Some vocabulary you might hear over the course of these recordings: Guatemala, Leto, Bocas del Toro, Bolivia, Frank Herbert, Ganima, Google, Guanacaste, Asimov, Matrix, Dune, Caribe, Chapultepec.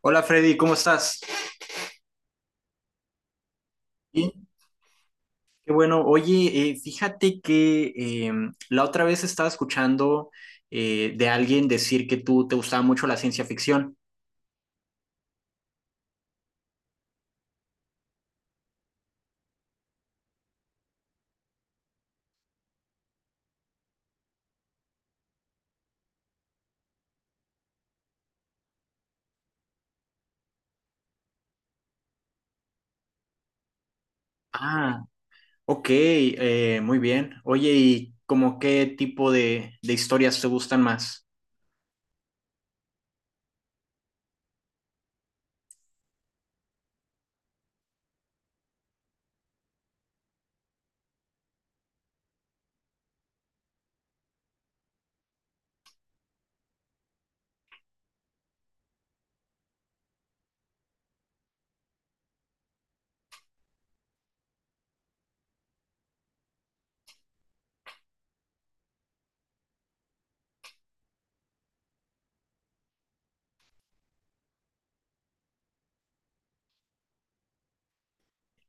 Hola, Freddy, ¿cómo estás? Bien. Qué bueno. Oye, fíjate que eh, la otra vez estaba escuchando de alguien decir que tú te gustaba mucho la ciencia ficción. Ah, ok, muy bien. Oye, ¿y como qué tipo de historias te gustan más?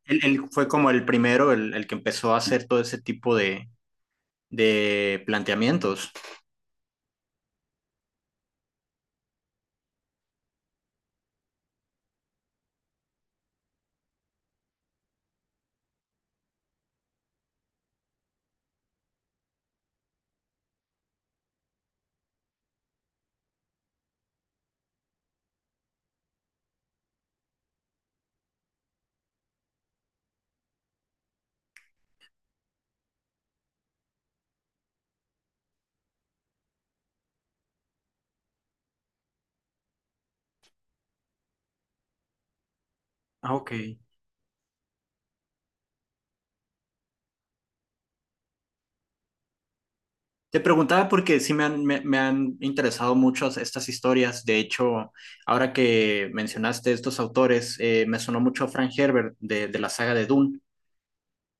Él fue como el primero, el que empezó a hacer todo ese tipo de planteamientos. Ah, ok. Te preguntaba porque sí me han, me han interesado mucho estas historias. De hecho, ahora que mencionaste estos autores, me sonó mucho Frank Herbert de la saga de Dune,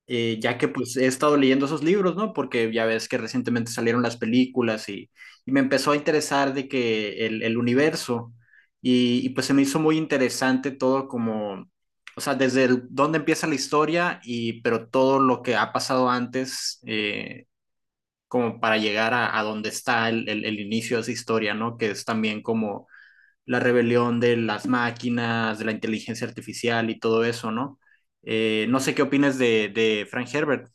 ya que pues he estado leyendo esos libros, ¿no? Porque ya ves que recientemente salieron las películas y me empezó a interesar de que el universo y pues se me hizo muy interesante todo como, o sea, dónde empieza la historia, y pero todo lo que ha pasado antes, como para llegar a donde está el inicio de esa historia, ¿no? Que es también como la rebelión de las máquinas, de la inteligencia artificial y todo eso, ¿no? No sé qué opinas de Frank Herbert.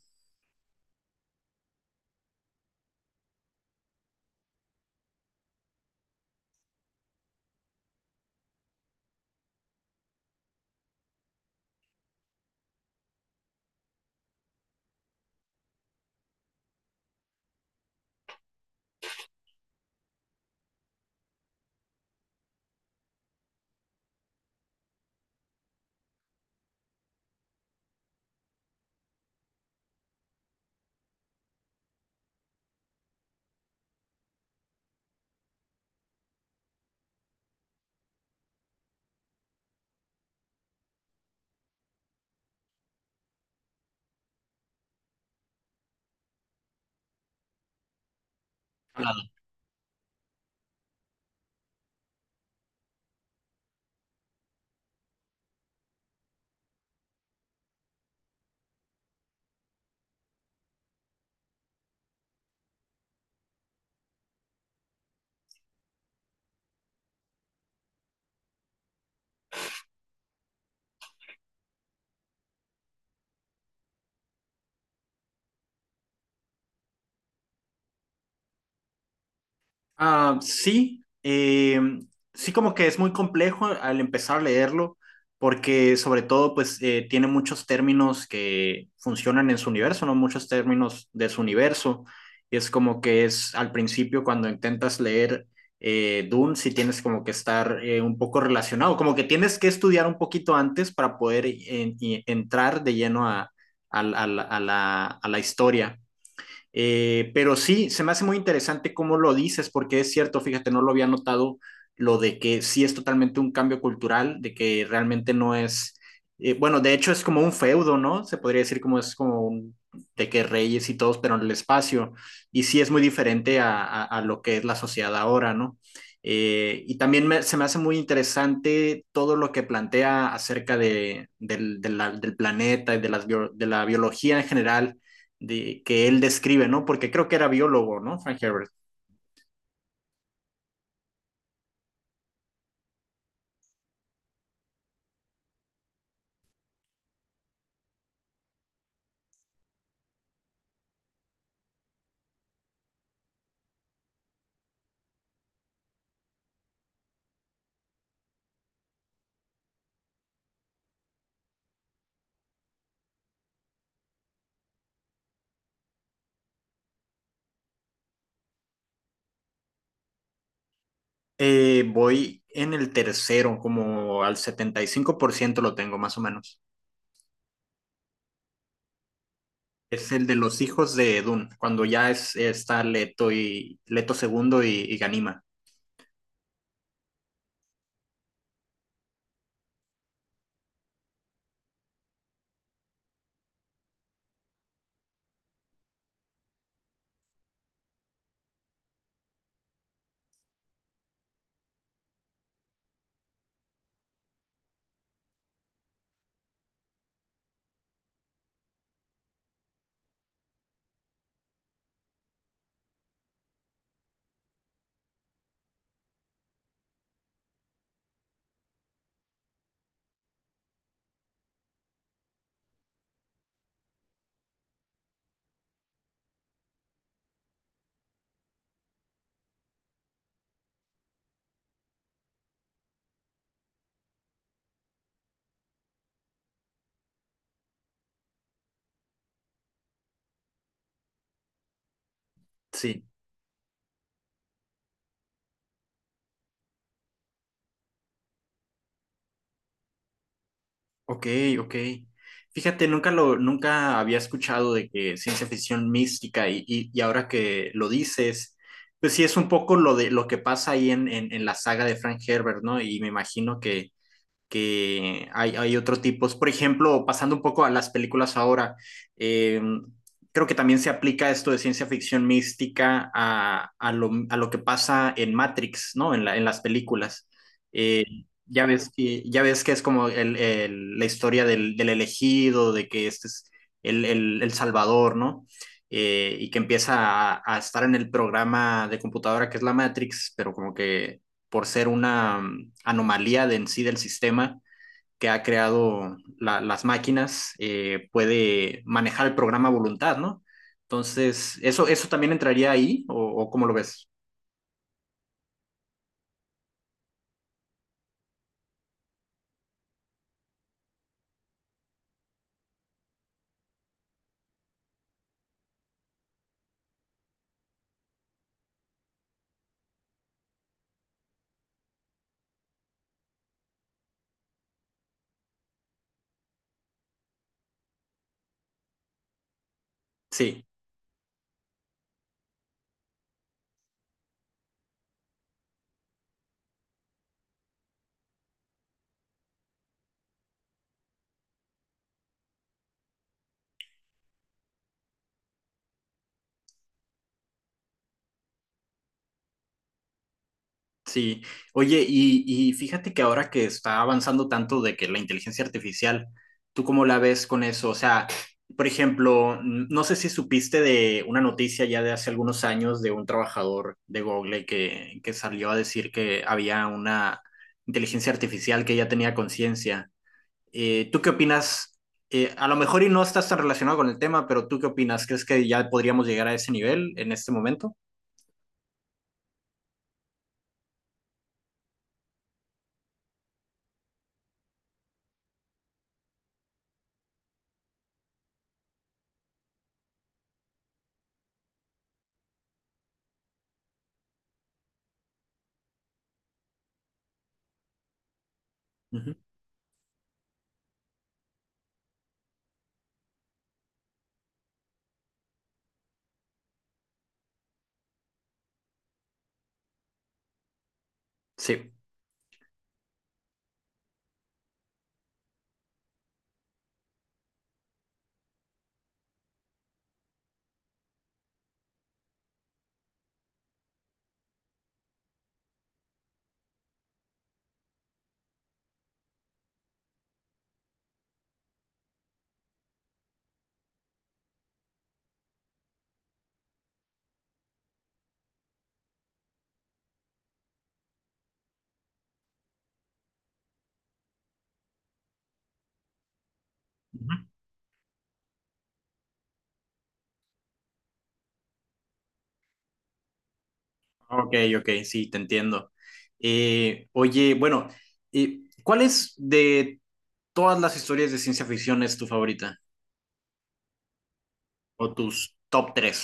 Ah, sí, sí, como que es muy complejo al empezar a leerlo, porque sobre todo pues tiene muchos términos que funcionan en su universo, ¿no? Muchos términos de su universo. Y es como que es al principio cuando intentas leer Dune, sí tienes como que estar un poco relacionado, como que tienes que estudiar un poquito antes para poder entrar de lleno a, a la historia. Pero sí, se me hace muy interesante cómo lo dices, porque es cierto, fíjate, no lo había notado lo de que sí es totalmente un cambio cultural, de que realmente no es, bueno, de hecho es como un feudo, ¿no? Se podría decir como es como un, de que reyes y todos, pero en el espacio, y sí es muy diferente a lo que es la sociedad ahora, ¿no? Y también me, se me hace muy interesante todo lo que plantea acerca de, del, de la, del planeta y de, las bio, de la biología en general de, que él describe, ¿no? Porque creo que era biólogo, ¿no? Frank Herbert. Voy en el tercero, como al 75% lo tengo, más o menos. Es el de los hijos de Dune, cuando ya es, está Leto y Leto segundo y Ganima. Sí, ok, ok. Fíjate, nunca lo, nunca había escuchado de que ciencia ficción mística y ahora que lo dices, pues sí es un poco lo de lo que pasa ahí en la saga de Frank Herbert, ¿no? Y me imagino que hay otro tipo. Por ejemplo, pasando un poco a las películas ahora, eh, creo que también se aplica esto de ciencia ficción mística a, lo, a lo que pasa en Matrix, ¿no? En, la, en las películas. Eh, ya ves que es como el, la historia del, del elegido, de que este es el Salvador, ¿no? Y que empieza a estar en el programa de computadora que es la Matrix, pero como que por ser una anomalía de en sí del sistema que ha creado la, las máquinas, puede manejar el programa a voluntad, ¿no? Entonces, ¿eso, eso también entraría ahí o cómo lo ves? Sí. Sí, oye, y fíjate que ahora que está avanzando tanto de que la inteligencia artificial, ¿tú cómo la ves con eso? O sea, por ejemplo, no sé si supiste de una noticia ya de hace algunos años de un trabajador de Google que salió a decir que había una inteligencia artificial que ya tenía conciencia. ¿Tú qué opinas? A lo mejor y no estás tan relacionado con el tema, pero ¿tú qué opinas? ¿Crees que ya podríamos llegar a ese nivel en este momento? Ujú. Sí. Ok, ok, sí, te entiendo. Oye, bueno, ¿cuál es de todas las historias de ciencia ficción es tu favorita? ¿O tus top tres?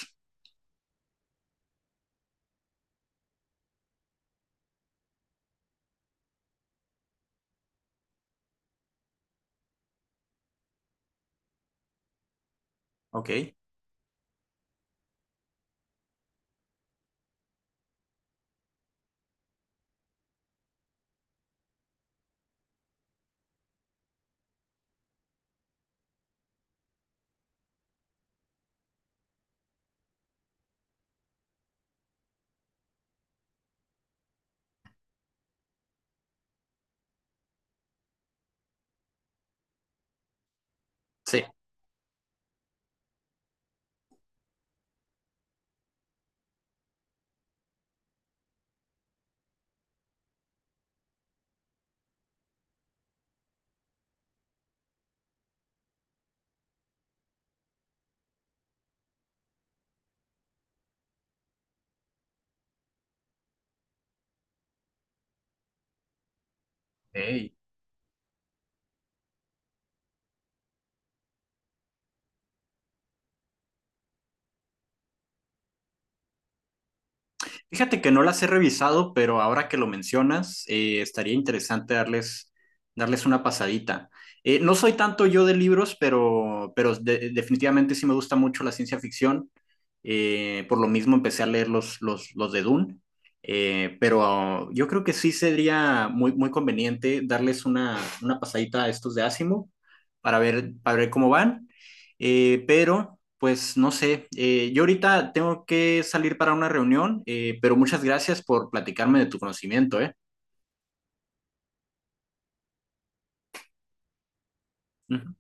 Ok. Sí. Ok. Fíjate que no las he revisado, pero ahora que lo mencionas, estaría interesante darles, darles una pasadita. No soy tanto yo de libros, pero definitivamente sí me gusta mucho la ciencia ficción. Por lo mismo empecé a leer los de Dune. Pero yo creo que sí sería muy, muy conveniente darles una pasadita a estos de Asimov para ver cómo van. Pero, pues no sé, yo ahorita tengo que salir para una reunión, pero muchas gracias por platicarme de tu conocimiento, ¿eh? Ujú.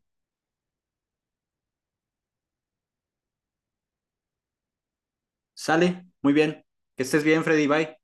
Sale, muy bien. Que estés bien, Freddy, bye.